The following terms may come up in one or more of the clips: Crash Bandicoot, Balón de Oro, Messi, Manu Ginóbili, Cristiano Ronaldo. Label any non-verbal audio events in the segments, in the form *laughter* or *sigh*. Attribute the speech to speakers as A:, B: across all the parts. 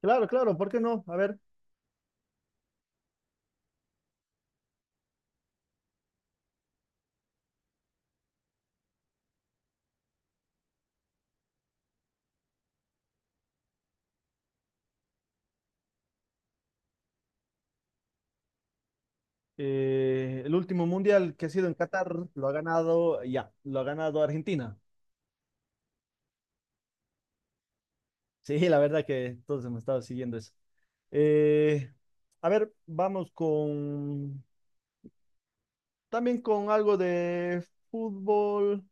A: Claro, claro, ¿por qué no? A ver, el último mundial que ha sido en Qatar lo ha ganado, ya, lo ha ganado Argentina. *laughs* Sí, la verdad que todos hemos estado siguiendo eso. Eh, a ver, vamos con, también con algo de fútbol.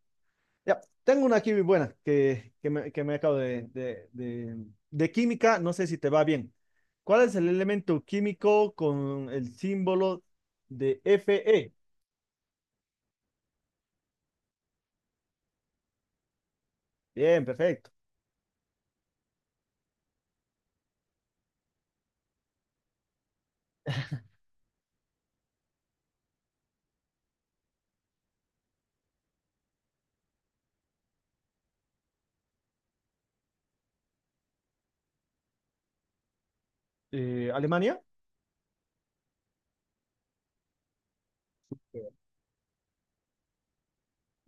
A: Ya, tengo una aquí buena que me acabo de química, no sé si te va bien. ¿Cuál es el elemento químico con el símbolo de Fe? Bien, perfecto. ¿Alemania? Súper.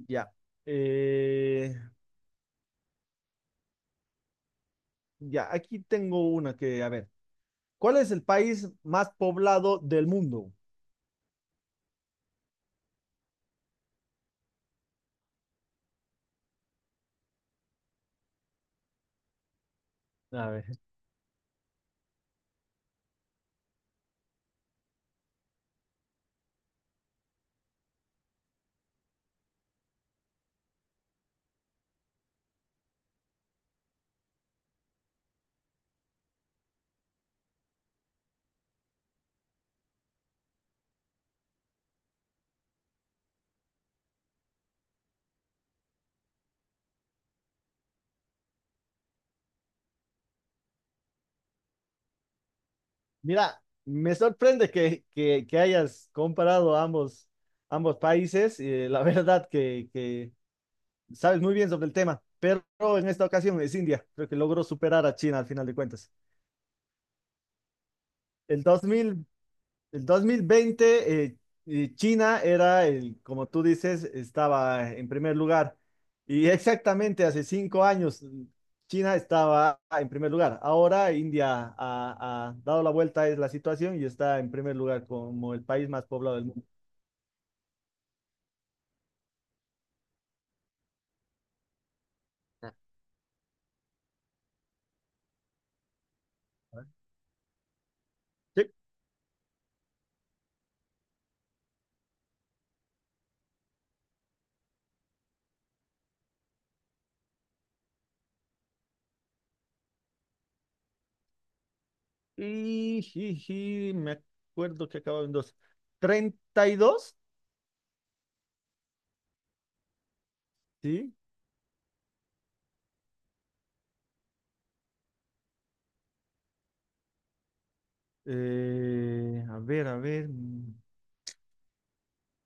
A: Ya. Eh, ya, aquí tengo una que, a ver, ¿cuál es el país más poblado del mundo? A ver, mira, me sorprende que, que hayas comparado ambos países. La *laughs* verdad que sabes muy bien sobre el tema, pero en esta ocasión es India. Creo que logró superar a China al final de cuentas. El dos mil El 2020, China era el, como tú dices, estaba en primer lugar. Y exactamente hace 5 años, China estaba en primer lugar. Ahora India ha, ha dado la vuelta a la situación y está en primer lugar como el país más poblado del mundo. Sí. Y, jiji, me acuerdo que acababa en dos. ¿32? Sí. A ver.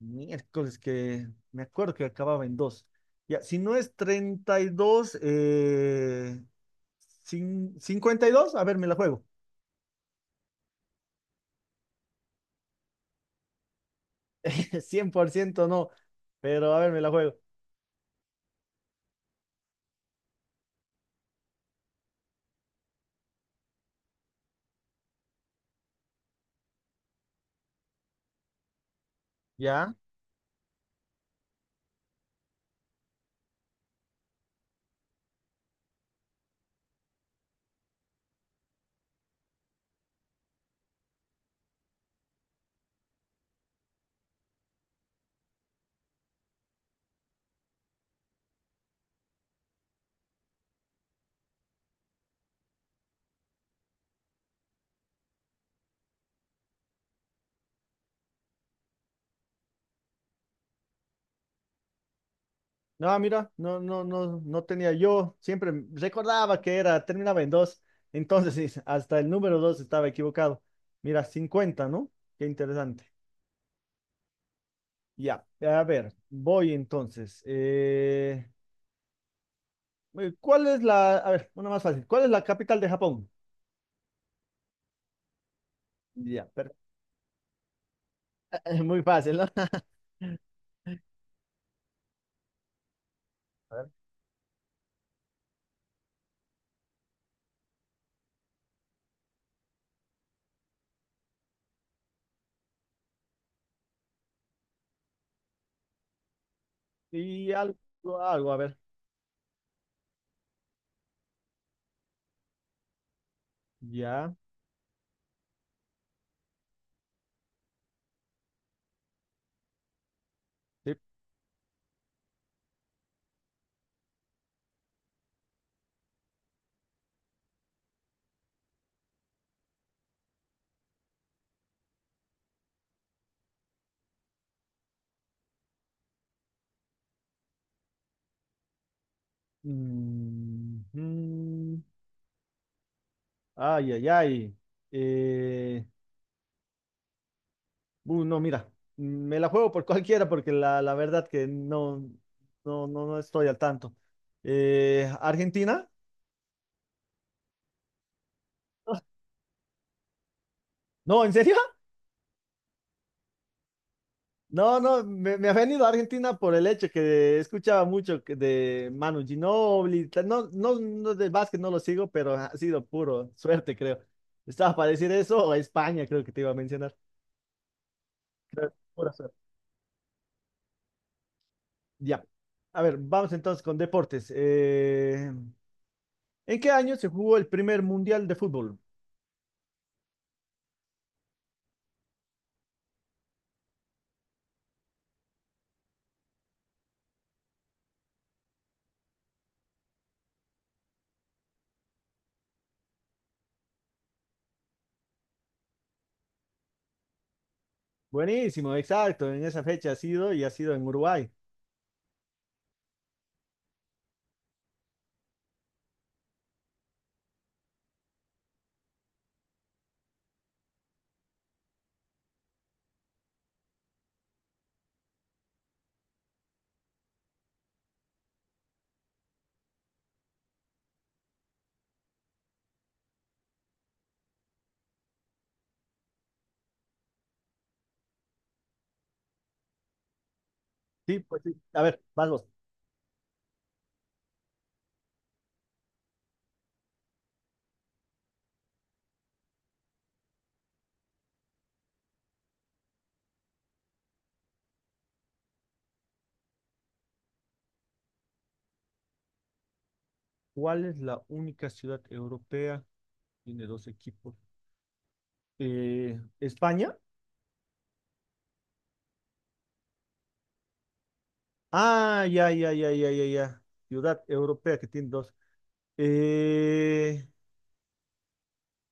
A: Miércoles que me acuerdo que acababa en dos. Ya, si no es 32, 52, a ver, me la juego. *laughs* 100% no, pero a ver, me la juego. ¿Ya? No, mira, no tenía yo. Siempre recordaba que era, terminaba en dos. Entonces, sí, *laughs* hasta el número dos estaba equivocado. Mira, 50, ¿no? Qué interesante. Ya, a ver, voy entonces. ¿Cuál es la, a ver, una más fácil? ¿Cuál es la capital de Japón? Ya, pero *laughs* es muy fácil, ¿no? *laughs* A ver. Y algo, algo, a ver. Ya. Sí. Mm, mm. Ay, ay, ay. Eh, no, mira, me la juego por *laughs* cualquiera porque la verdad que no, no estoy al tanto. ¿Argentina? No, ¿en serio? *laughs* No, no, me ha venido a Argentina por el hecho que escuchaba mucho que de Manu Ginóbili, no, no de básquet no lo sigo, pero ha sido puro suerte, creo. Estaba para decir eso, o España, creo que te iba a mencionar. Creo, pura suerte. Ya. A ver, vamos entonces con deportes. ¿En qué año se jugó el primer mundial de fútbol? Buenísimo, exacto, en esa fecha ha sido y ha sido en Uruguay. Sí, pues sí. A ver, vamos. ¿Cuál es la única ciudad europea? Tiene dos equipos. España. Ah, ya. Ciudad europea que tiene dos. Eh,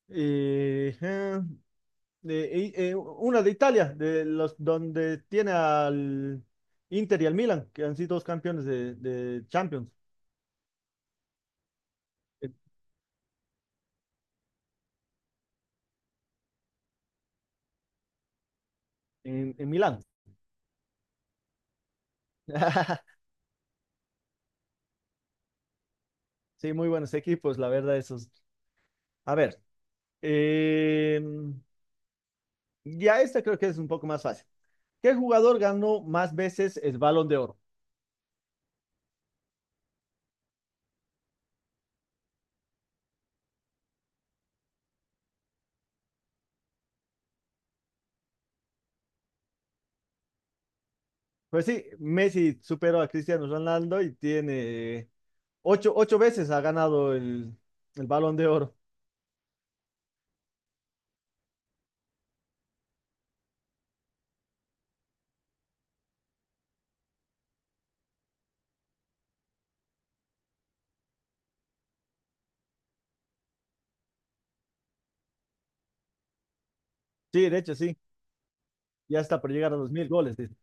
A: eh, eh, una de Italia, de los donde tiene al Inter y al Milan, que han sido dos campeones de Champions en, en Milán. *laughs* Sí, muy buenos equipos, la verdad, esos. A ver, eh, ya esta creo que es un poco más fácil. ¿Qué jugador ganó más veces el Balón de Oro? Pues sí, Messi superó a Cristiano Ronaldo y tiene ocho veces ha ganado el Balón de Oro. Sí, de hecho, sí. Ya está por llegar a los 1000 goles, dice.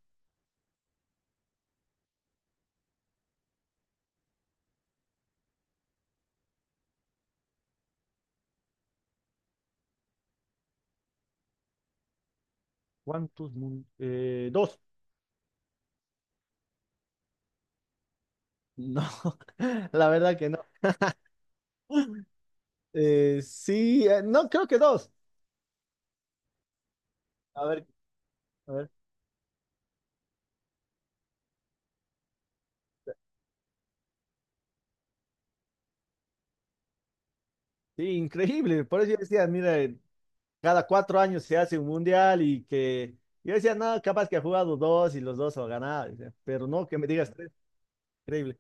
A: ¿Cuántos? Dos. No, *laughs* la verdad que no. Sí, no, creo que dos. A ver, a ver. Sí, increíble. Por eso yo decía, mira, cada 4 años se hace un mundial y que yo decía, no, capaz que ha jugado dos y los dos ha ganado, decía. Pero no, que me digas tres. Increíble.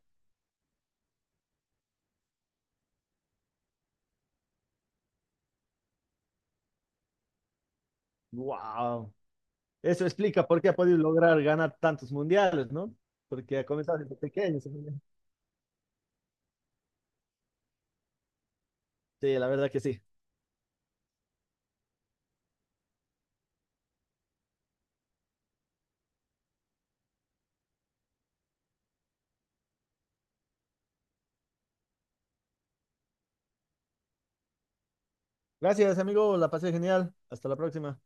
A: Wow. Eso explica por qué ha podido lograr ganar tantos mundiales, ¿no? Porque ha comenzado desde pequeño. Sí, la verdad que sí. Gracias, amigo. La pasé genial. Hasta la próxima.